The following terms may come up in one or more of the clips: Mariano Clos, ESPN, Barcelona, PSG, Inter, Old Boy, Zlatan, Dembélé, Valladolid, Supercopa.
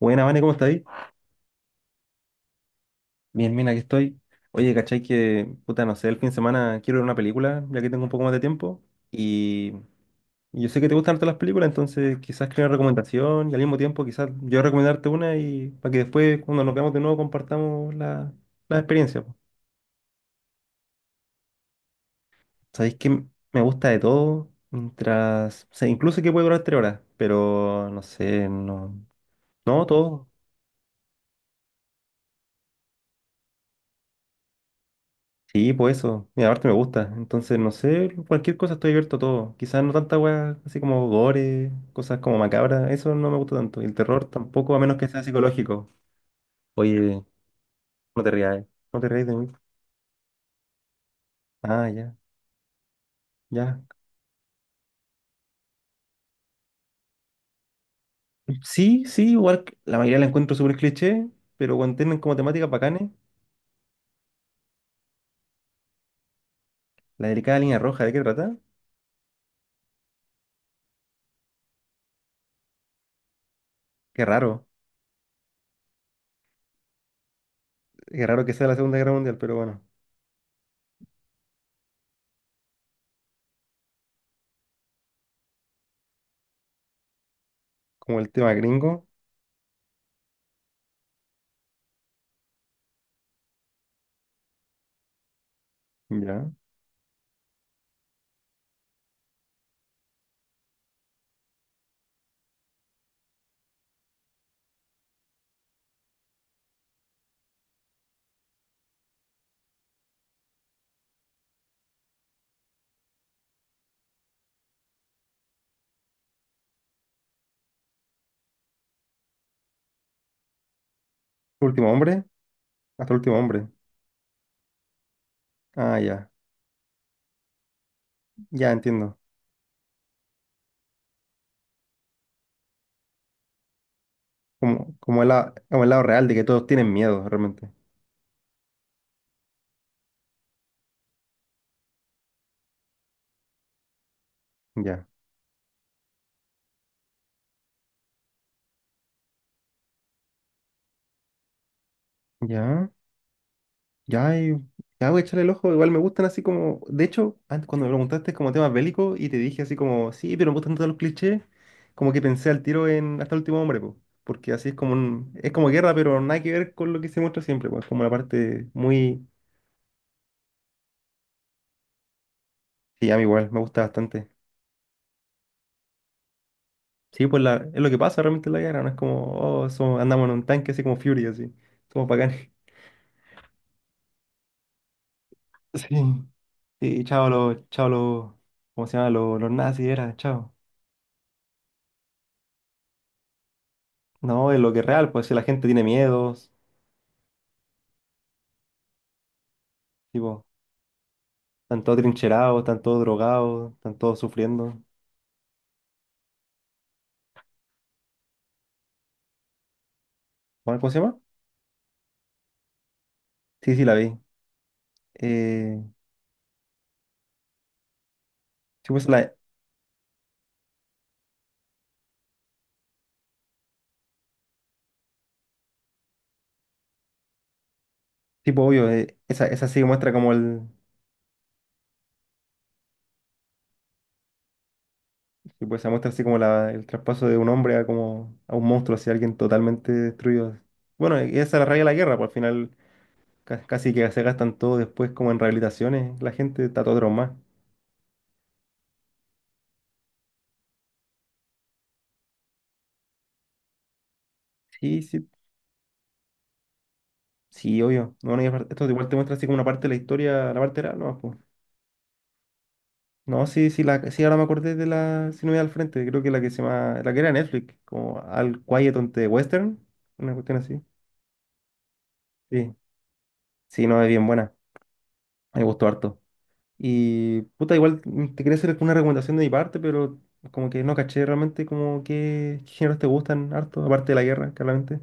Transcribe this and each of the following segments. Buena, Vane, ¿cómo estáis? Bien, bien, aquí estoy. Oye, ¿cachai que, puta, no sé, el fin de semana quiero ver una película, ya que tengo un poco más de tiempo? Y y yo sé que te gustan harto las películas, entonces quizás creo una recomendación y al mismo tiempo quizás yo recomendarte una y para que después, cuando nos veamos de nuevo, compartamos la experiencia, po. Sabéis que me gusta de todo, mientras, o sea, incluso que puede durar 3 horas, pero no sé, no, no, todo. Sí, pues eso. Mira, aparte me gusta. Entonces, no sé, cualquier cosa estoy abierto a todo. Quizás no tanta weá, así como gore, cosas como macabras. Eso no me gusta tanto. Y el terror tampoco, a menos que sea psicológico. Oye, no te rías. No te rías de mí. Ah, ya, ya. Sí, sí, igual la mayoría la encuentro súper cliché, pero cuando tienen como temáticas bacanes, la delicada línea roja, ¿de qué trata? Qué raro. Qué raro que sea la Segunda Guerra Mundial, pero bueno. Como el tema gringo, ya. Último hombre, hasta el último hombre. Ah, ya, ya entiendo. Como el, como el lado real de que todos tienen miedo realmente. Ya, ya, ya, ya voy a echarle el ojo. Igual me gustan así como. De hecho, antes cuando me preguntaste como temas bélicos y te dije así como, sí, pero me gustan todos los clichés, como que pensé al tiro en Hasta el último hombre, po. Porque así es como es como guerra, pero nada que ver con lo que se muestra siempre, pues. Como la parte muy. Sí, a mí igual, me gusta bastante. Sí, pues la, es lo que pasa realmente en la guerra, no es como, oh, andamos en un tanque así como Fury, así. Somos bacanes. Sí. Sí, chao los, ¿cómo se llama? Los nazis era, chao. No, es lo que es real, pues si la gente tiene miedos, tipo, están todos trincherados, están todos drogados, están todos sufriendo. ¿Cómo se llama? Sí, sí, la vi. Eh, sí, pues, la, tipo, obvio, esa, sí muestra como el, sí, pues, se muestra así como la, el traspaso de un hombre a como, a un monstruo, así, alguien totalmente destruido. Bueno, y esa es la raya de la guerra, pues al final casi que se gastan todo después como en rehabilitaciones, la gente está todo traumada. Sí, sí. Sí, obvio. No, no, y esto igual te muestra así como una parte de la historia, la parte era, no, pues. No, sí, sí, la, sí, ahora me acordé de la, si no voy al frente, creo que la que se llama, la que era Netflix, como Al Quiet on the Western, una cuestión así. Sí, sí, no, es bien buena, me gustó harto. Y, puta, igual te quería hacer una recomendación de mi parte, pero como que no caché realmente como qué géneros te gustan harto, aparte de la guerra, claramente.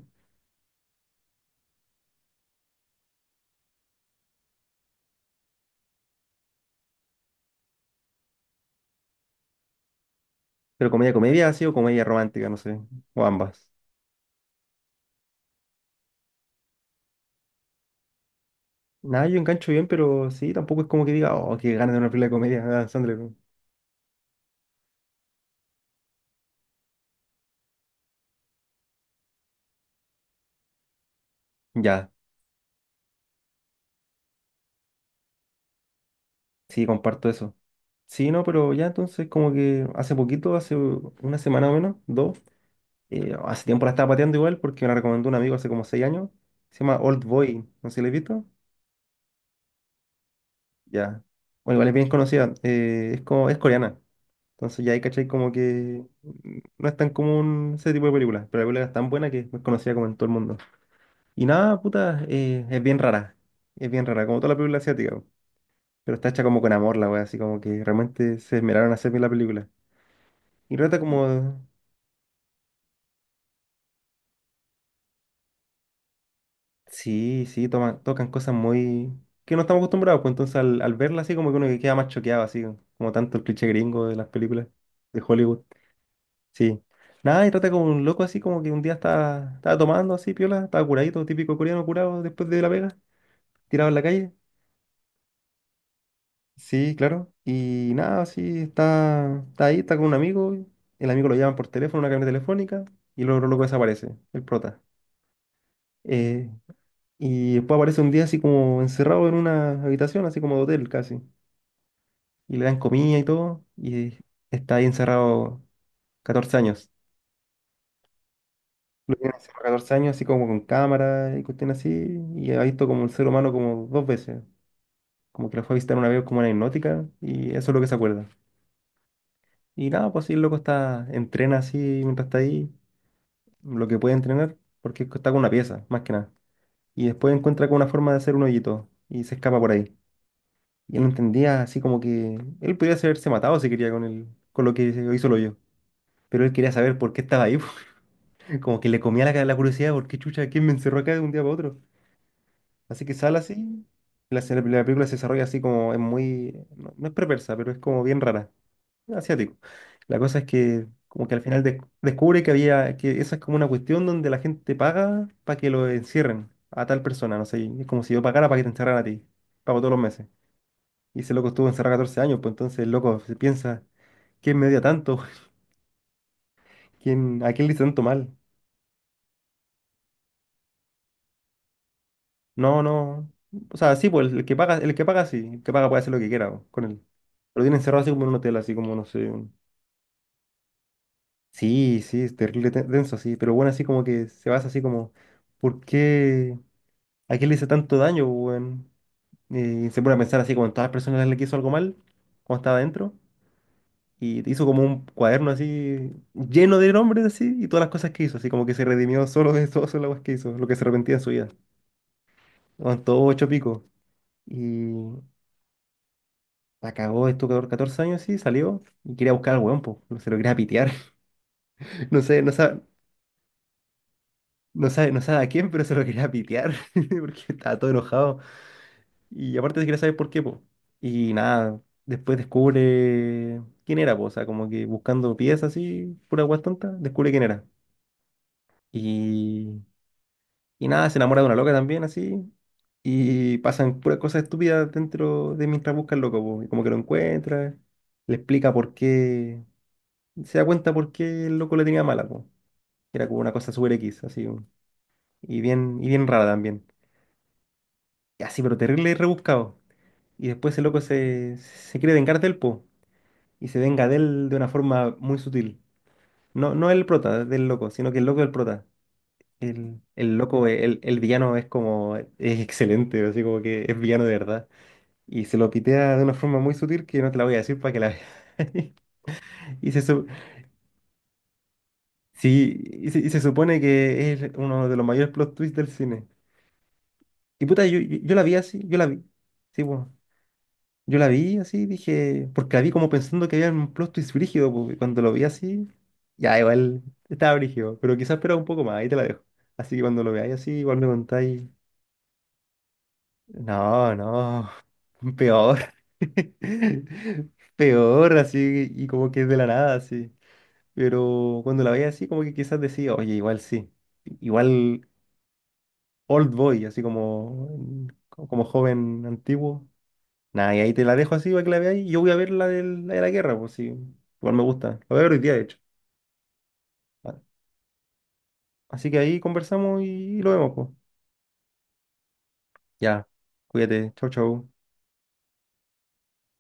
Pero comedia, comedia, así o comedia romántica, no sé, o ambas. Nada, yo engancho bien, pero sí, tampoco es como que diga, oh, qué ganas de una película de comedia, Adam Sandler. Ya, sí, comparto eso. Sí, no, pero ya entonces como que hace poquito, hace una semana o menos, dos, hace tiempo la estaba pateando igual porque me la recomendó un amigo hace como 6 años, se llama Old Boy, no sé si la he visto. Ya, bueno, igual es bien conocida, es, como, es coreana, entonces ya ahí cachai como que no es tan común ese tipo de películas, pero la película es tan buena que es conocida como en todo el mundo. Y nada, puta, es bien rara. Es bien rara, como toda la película asiática, po. Pero está hecha como con amor la wea, así como que realmente se esmeraron a hacer bien la película. Y trata como. Sí, sí, toman, tocan cosas muy. Que no estamos acostumbrados, pues entonces al verla así como que uno que queda más choqueado, así como tanto el cliché gringo de las películas de Hollywood. Sí. Nada, y trata como un loco así como que un día estaba tomando así, piola, estaba curadito, típico coreano curado después de la pega, tirado en la calle. Sí, claro. Y nada, sí, está, está ahí, está con un amigo. El amigo lo llama por teléfono, una cabina telefónica, y luego loco desaparece, el prota. Eh, y después aparece un día así como encerrado en una habitación, así como de hotel casi. Y le dan comida y todo, y está ahí encerrado 14 años. Lo tienen encerrado 14 años, así como con cámara y cuestiones así, y ha visto como el ser humano como 2 veces. Como que lo fue a visitar una vez como una hipnótica, y eso es lo que se acuerda. Y nada, pues sí, el loco está, entrena así mientras está ahí, lo que puede entrenar, porque está con una pieza, más que nada. Y después encuentra con una forma de hacer un hoyito y se escapa por ahí. Y él no entendía así como que él podía haberse matado si quería con el, con lo que hizo el hoyo. Pero él quería saber por qué estaba ahí, po. Como que le comía la curiosidad, por qué chucha, quién me encerró acá de un día para otro. Así que sale así, la película se desarrolla así como es muy, no, no es perversa, pero es como bien rara. Asiático. La cosa es que como que al final descubre que había, que esa es como una cuestión donde la gente paga para que lo encierren a tal persona, no sé, y es como si yo pagara para que te encerraran a ti, pago todos los meses. Y ese loco estuvo encerrado 14 años, pues entonces el loco se piensa, ¿quién me odia tanto? ¿Quién, a quién le hice tanto mal? No, no. O sea, sí, pues el que paga, el que paga sí, el que paga puede hacer lo que quiera po, con él. Lo tiene encerrado así como en un hotel, así como, no sé, Sí, sí, es terrible, denso, sí, pero bueno, así como que se basa así como, ¿por qué? ¿A qué le hice tanto daño, pues, weón? Y se pone a pensar así como en todas las personas a las que hizo algo mal, cuando estaba adentro, y hizo como un cuaderno así lleno de nombres así y todas las cosas que hizo, así como que se redimió solo de todo solo las cosas que hizo, lo que se arrepentía de su vida. Aguantó ocho picos y la cagó, estuvo 14 años así, salió y quería buscar al weón, po, se lo quería pitear. No sé, no sabe, no sabe, no sabe a quién, pero se lo quería pitear porque estaba todo enojado. Y aparte se quería saber por qué, po. Y nada, después descubre quién era, po. O sea, como que buscando piezas así, pura guas tonta, descubre quién era. Y, y nada, se enamora de una loca también, así. Y pasan puras cosas estúpidas dentro de mientras busca el loco, po. Y como que lo encuentra, le explica por qué, se da cuenta por qué el loco le tenía mala, po. Era como una cosa super X, así. Y bien rara también. Y así, pero terrible y rebuscado. Y después el loco se quiere vengar del po y se venga de él de una forma muy sutil. No, no el prota del loco, sino que el loco del prota. El, loco, el villano es como, es excelente, así como que es villano de verdad. Y se lo pitea de una forma muy sutil que no te la voy a decir para que la veas. Y se, su- sí, y se supone que es uno de los mayores plot twists del cine. Y puta, yo la vi así, yo la vi. Sí, pues. Yo la vi así, dije, porque la vi como pensando que había un plot twist brígido, pues, y cuando lo vi así, ya igual estaba brígido, pero quizás esperaba un poco más, ahí te la dejo. Así que cuando lo veáis así, igual me contáis, no, no, peor, peor, así, y como que es de la nada, así. Pero cuando la veía así, como que quizás decía, oye, igual sí, igual Old Boy, así como, como joven antiguo. Nada, y ahí te la dejo así para que la veáis. Yo voy a ver la la de la guerra, pues sí. Igual me gusta. La voy a ver hoy día, de hecho. Vale. Así que ahí conversamos y lo vemos, pues. Ya. Cuídate. Chau, chau.